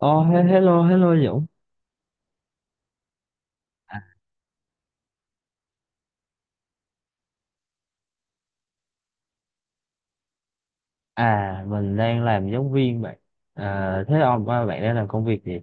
Oh, hello, hello Dũng. À, mình đang làm giáo viên bạn. À, thế ông à, bạn đang làm công việc gì?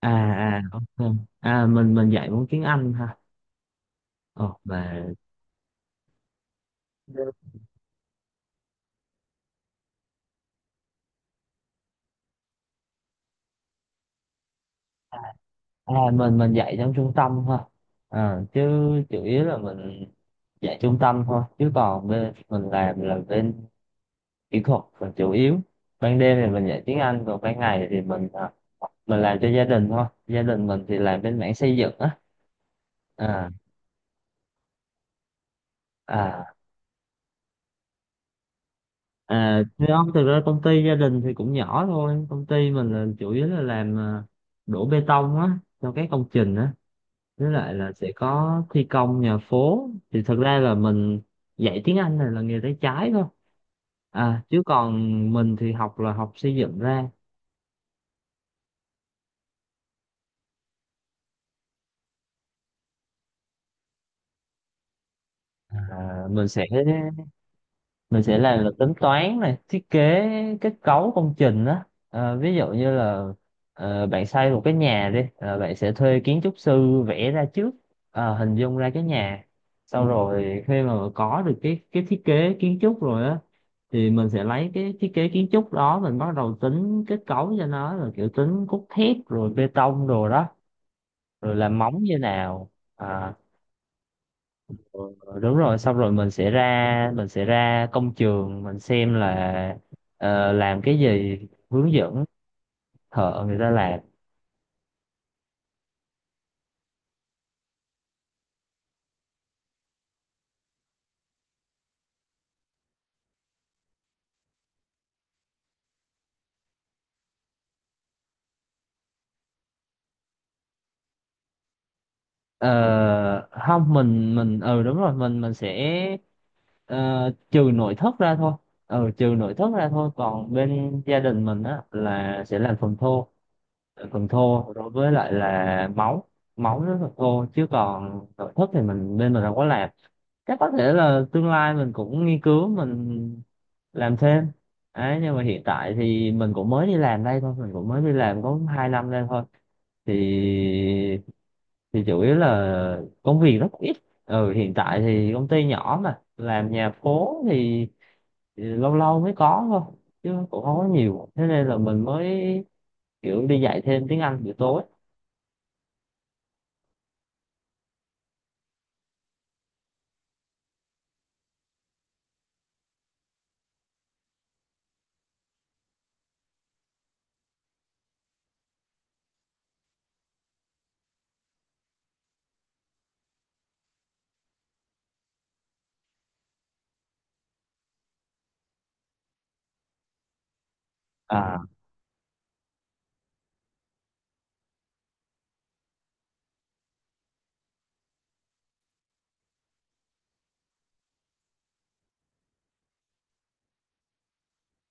À, ok. À, mình dạy môn tiếng Anh ha. Ờ, mà mình dạy trong trung tâm ha. À, chứ chủ yếu là mình dạy trung tâm thôi. Chứ còn bên mình làm là bên kỹ thuật là chủ yếu. Ban đêm thì mình dạy tiếng Anh, còn ban ngày thì mình làm cho gia đình thôi. Gia đình mình thì làm bên mảng xây dựng á. À, à. À, thì không, thực ra công ty gia đình thì cũng nhỏ thôi. Công ty mình là chủ yếu là làm đổ bê tông á, cho các công trình á. Với lại là sẽ có thi công nhà phố. Thì thực ra là mình dạy tiếng Anh này là nghề tay trái thôi. À, chứ còn mình thì học là học xây dựng ra. À, mình sẽ mình sẽ làm là tính toán này thiết kế kết cấu công trình đó. Ví dụ như là, bạn xây một cái nhà đi, bạn sẽ thuê kiến trúc sư vẽ ra trước, hình dung ra cái nhà, sau rồi khi mà có được cái thiết kế kiến trúc rồi á thì mình sẽ lấy cái thiết kế kiến trúc đó mình bắt đầu tính kết cấu cho nó rồi kiểu tính cốt thép rồi bê tông rồi đó, rồi làm móng như nào. À, ừ, đúng rồi, xong rồi mình sẽ ra công trường mình xem là làm cái gì, hướng dẫn thợ người ta làm. Ờ, không, mình ừ đúng rồi, mình sẽ ờ, trừ nội thất ra thôi, ừ trừ nội thất ra thôi, còn bên gia đình mình á là sẽ làm phần thô, phần thô đối với lại là móng, móng với phần thô, chứ còn nội thất thì mình bên mình không có làm. Chắc có thể là tương lai mình cũng nghiên cứu mình làm thêm đấy, nhưng mà hiện tại thì mình cũng mới đi làm đây thôi, mình cũng mới đi làm có 2 năm đây thôi. Thì thì chủ yếu là công việc rất ít, ừ hiện tại thì công ty nhỏ mà làm nhà phố thì, lâu lâu mới có thôi, chứ cũng không có nhiều, thế nên là mình mới kiểu đi dạy thêm tiếng Anh buổi tối. à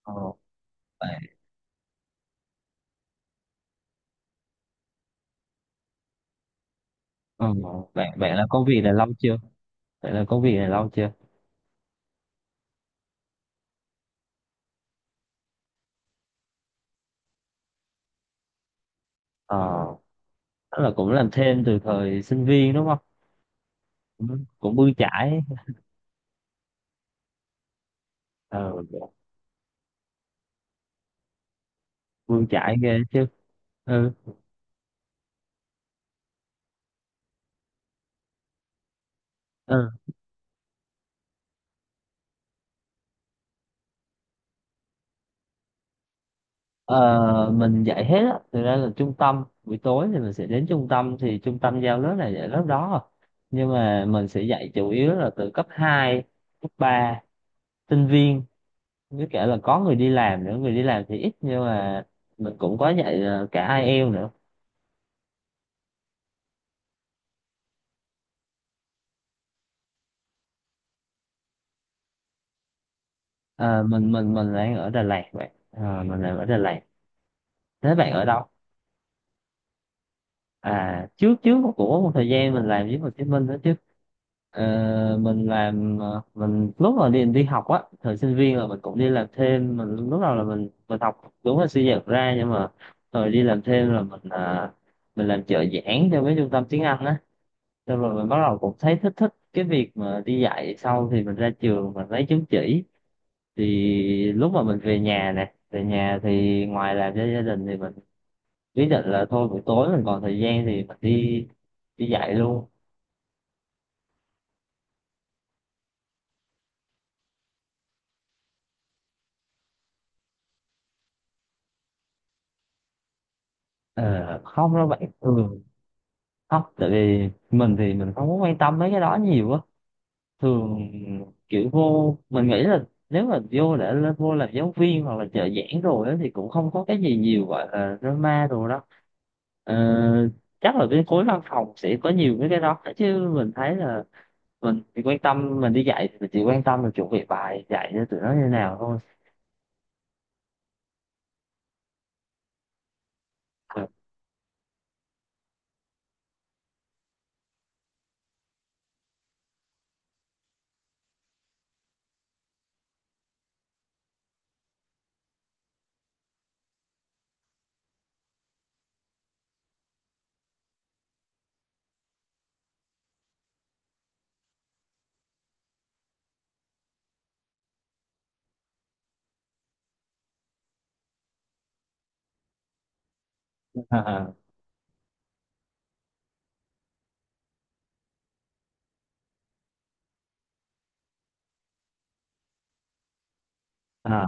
ờ, bạn, ừ, bạn bạn là công việc này lâu chưa? Bạn là công việc này lâu chưa ờ Tức là cũng làm thêm từ thời sinh viên đúng không? Cũng bươn chải. Ờ, bươn chải ghê chứ. Ừ. Ừ. Ờ, mình dạy hết á, thực ra là trung tâm buổi tối thì mình sẽ đến trung tâm thì trung tâm giao lớp này dạy lớp đó à. Nhưng mà mình sẽ dạy chủ yếu là từ cấp 2, cấp 3, sinh viên, với cả là có người đi làm nữa, người đi làm thì ít nhưng mà mình cũng có dạy cả IELTS nữa. Ờ, mình đang ở Đà Lạt, vậy ờ, mình đang ở Đà Lạt, thế bạn ở đâu? À, trước trước của một thời gian mình làm với Hồ Chí Minh đó chứ. Ờ, mình làm, mình lúc mà đi đi học á thời sinh viên là mình cũng đi làm thêm, mình lúc đầu là mình học đúng là suy dật ra, nhưng mà rồi đi làm thêm là mình làm trợ giảng cho mấy trung tâm tiếng Anh á, xong rồi mình bắt đầu cũng thấy thích thích cái việc mà đi dạy, sau thì mình ra trường mình lấy chứng chỉ. Thì lúc mà mình về nhà thì ngoài làm cho gia đình thì mình, ý định là thôi buổi tối mình còn thời gian thì mình đi đi dạy luôn. Ờ, không đâu bạn, thường không, tại vì mình thì mình không có quan tâm mấy cái đó nhiều á, thường kiểu vô mình nghĩ là nếu mà vô để lên vô làm giáo viên hoặc là trợ giảng rồi á thì cũng không có cái gì nhiều gọi là drama rồi đó. Ờ, chắc là bên khối văn phòng sẽ có nhiều mấy cái đó, chứ mình thấy là mình chỉ quan tâm mình đi dạy thì mình chỉ quan tâm là chuẩn bị bài dạy cho tụi nó như nào thôi. Ờ, à, à,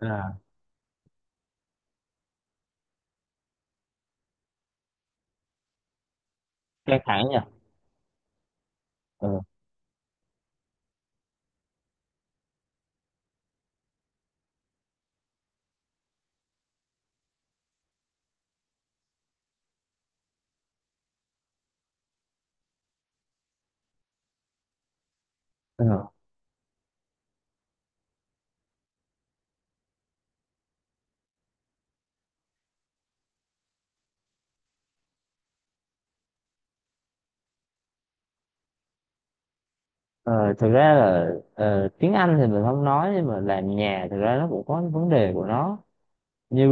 à. Căng thẳng nhỉ. Ừ. Ừ. Ờ, thực ra là tiếng Anh thì mình không nói, nhưng mà làm nhà thực ra nó cũng có cái vấn đề của nó, như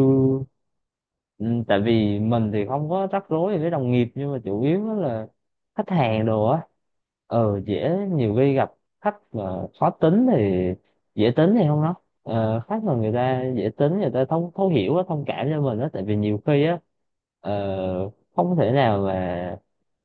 ừ, tại vì mình thì không có rắc rối gì với đồng nghiệp, nhưng mà chủ yếu á là khách hàng đồ á, ờ dễ nhiều khi gặp khách mà khó tính thì, dễ tính thì không nói, khách mà người ta dễ tính người ta thấu thấu hiểu á, thông cảm cho mình á, tại vì nhiều khi á, ờ, không thể nào mà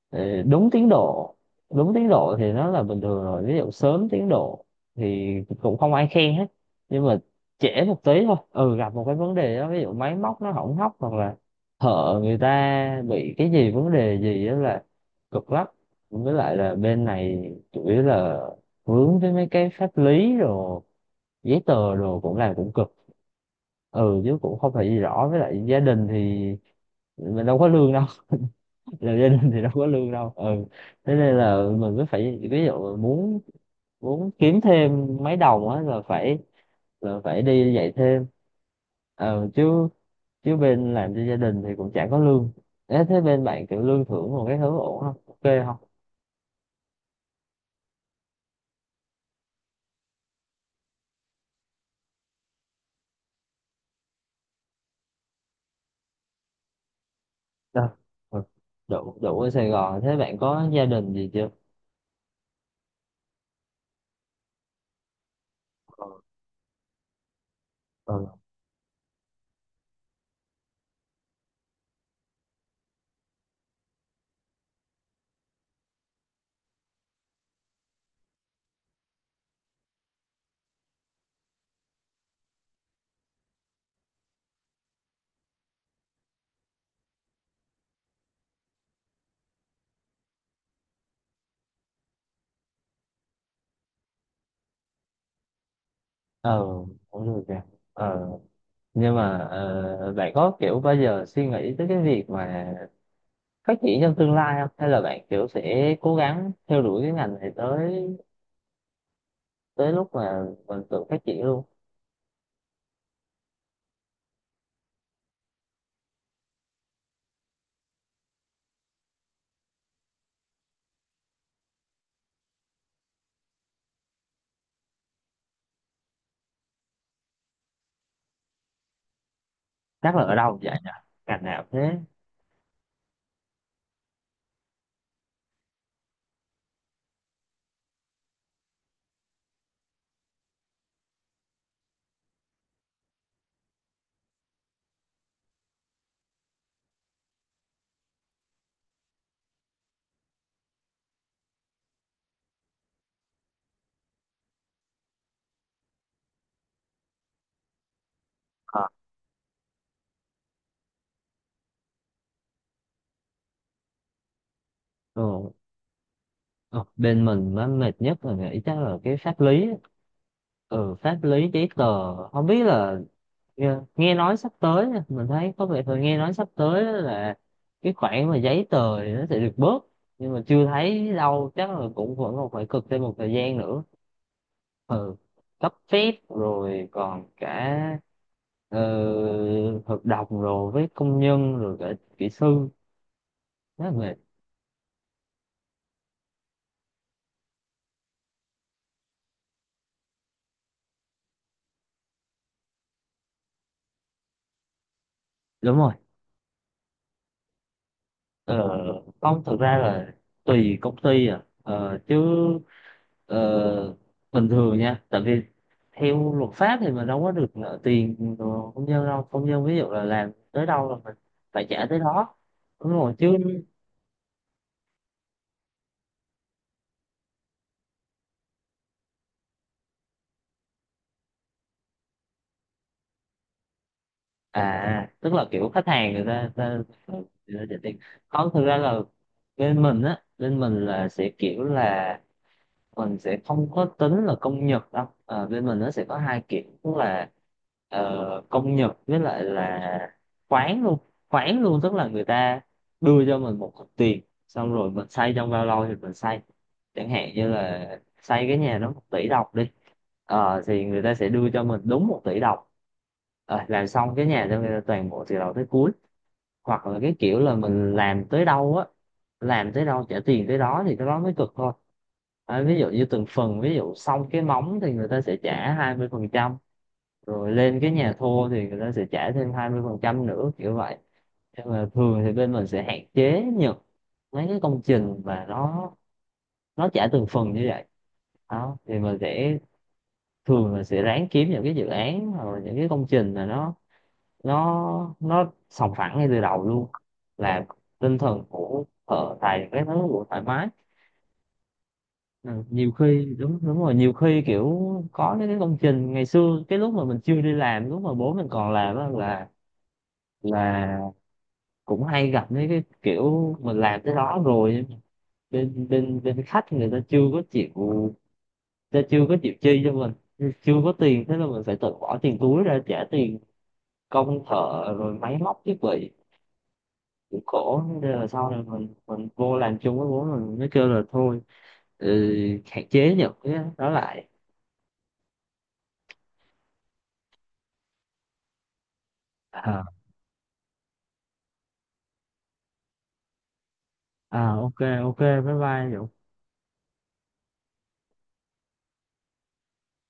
đúng tiến độ, đúng tiến độ thì nó là bình thường rồi, ví dụ sớm tiến độ thì cũng không ai khen hết, nhưng mà trễ một tí thôi, ừ gặp một cái vấn đề đó, ví dụ máy móc nó hỏng hóc hoặc là thợ người ta bị cái gì vấn đề gì đó là cực lắm. Với lại là bên này chủ yếu là vướng với mấy cái pháp lý rồi giấy tờ đồ cũng làm cũng cực, ừ chứ cũng không phải gì rõ, với lại gia đình thì mình đâu có lương đâu. Là gia đình thì đâu có lương đâu, ừ, thế nên là mình cứ phải ví dụ muốn muốn kiếm thêm mấy đồng á là phải, là phải đi dạy thêm, ờ chứ chứ bên làm cho gia đình thì cũng chả có lương. Ê, thế bên bạn kiểu lương thưởng một cái thứ ổn không? Ok không. Dạ. Ừ. Đủ đủ ở Sài Gòn, thế bạn có gia đình gì chưa? Ừ. Ờ, cũng được kìa. Ờ, nhưng mà bạn có kiểu bao giờ suy nghĩ tới cái việc mà phát triển trong tương lai không, hay là bạn kiểu sẽ cố gắng theo đuổi cái ngành này tới tới lúc mà mình tự phát triển luôn? Chắc là ở đâu cũng vậy nhỉ, ngành nào thế. Ờ. Ừ. Ờ, bên mình nó mệt nhất là nghĩ chắc là cái pháp lý á. Ừ, pháp lý giấy tờ không biết là, nghe nói sắp tới nha, mình thấy có vẻ là nghe nói sắp tới là cái khoản mà giấy tờ thì nó sẽ được bớt, nhưng mà chưa thấy đâu, chắc là cũng vẫn còn phải cực thêm một thời gian nữa. Ừ, cấp phép rồi còn cả ờ, hợp đồng rồi với công nhân rồi cả kỹ sư, rất là mệt. Đúng rồi. ờ, Không, thực ra là tùy công ty à, ờ, bình thường nha, tại vì theo luật pháp thì mình đâu có được nợ tiền của công nhân đâu, công nhân ví dụ là làm tới đâu là mình phải trả tới đó đúng rồi chứ. À tức là kiểu khách hàng người ta ta người ta trả tiền. Không, thực ra là bên mình á, bên mình là sẽ kiểu là mình sẽ không có tính là công nhật đâu. Ờ, bên mình nó sẽ có hai kiểu tức là công nhật với lại là khoán luôn, khoán luôn tức là người ta đưa cho mình một cục tiền, xong rồi mình xây trong bao lâu thì mình xây, chẳng hạn như là xây cái nhà đó 1 tỷ đồng đi. Ờ, thì người ta sẽ đưa cho mình đúng 1 tỷ đồng, ờ, làm xong cái nhà cho người ta toàn bộ từ đầu tới cuối, hoặc là cái kiểu là mình làm tới đâu á, làm tới đâu trả tiền tới đó thì cái đó mới cực thôi. À, ví dụ như từng phần, ví dụ xong cái móng thì người ta sẽ trả 20%, rồi lên cái nhà thua thì người ta sẽ trả thêm 20% nữa kiểu vậy. Nhưng mà thường thì bên mình sẽ hạn chế nhận mấy cái công trình mà nó trả từng phần như vậy, đó thì mình sẽ thường là sẽ ráng kiếm những cái dự án hoặc là những cái công trình mà nó sòng phẳng ngay từ đầu luôn, là tinh thần của thợ tài các thứ cũng thoải mái. Ừ, nhiều khi đúng, đúng rồi, nhiều khi kiểu có những cái công trình ngày xưa cái lúc mà mình chưa đi làm, lúc mà bố mình còn làm á, là cũng hay gặp mấy cái kiểu mình làm tới đó rồi nhưng mà bên bên bên khách người ta chưa có chịu, người ta chưa có chịu chi cho mình, chưa có tiền, thế là mình phải tự bỏ tiền túi ra trả tiền công thợ rồi máy móc thiết bị cũng khổ, thế nên là sau này mình vô làm chung với bố mình mới kêu là thôi, ừ, hạn chế những cái đó lại. Ờ, à, ok, ok bye bye Dũng.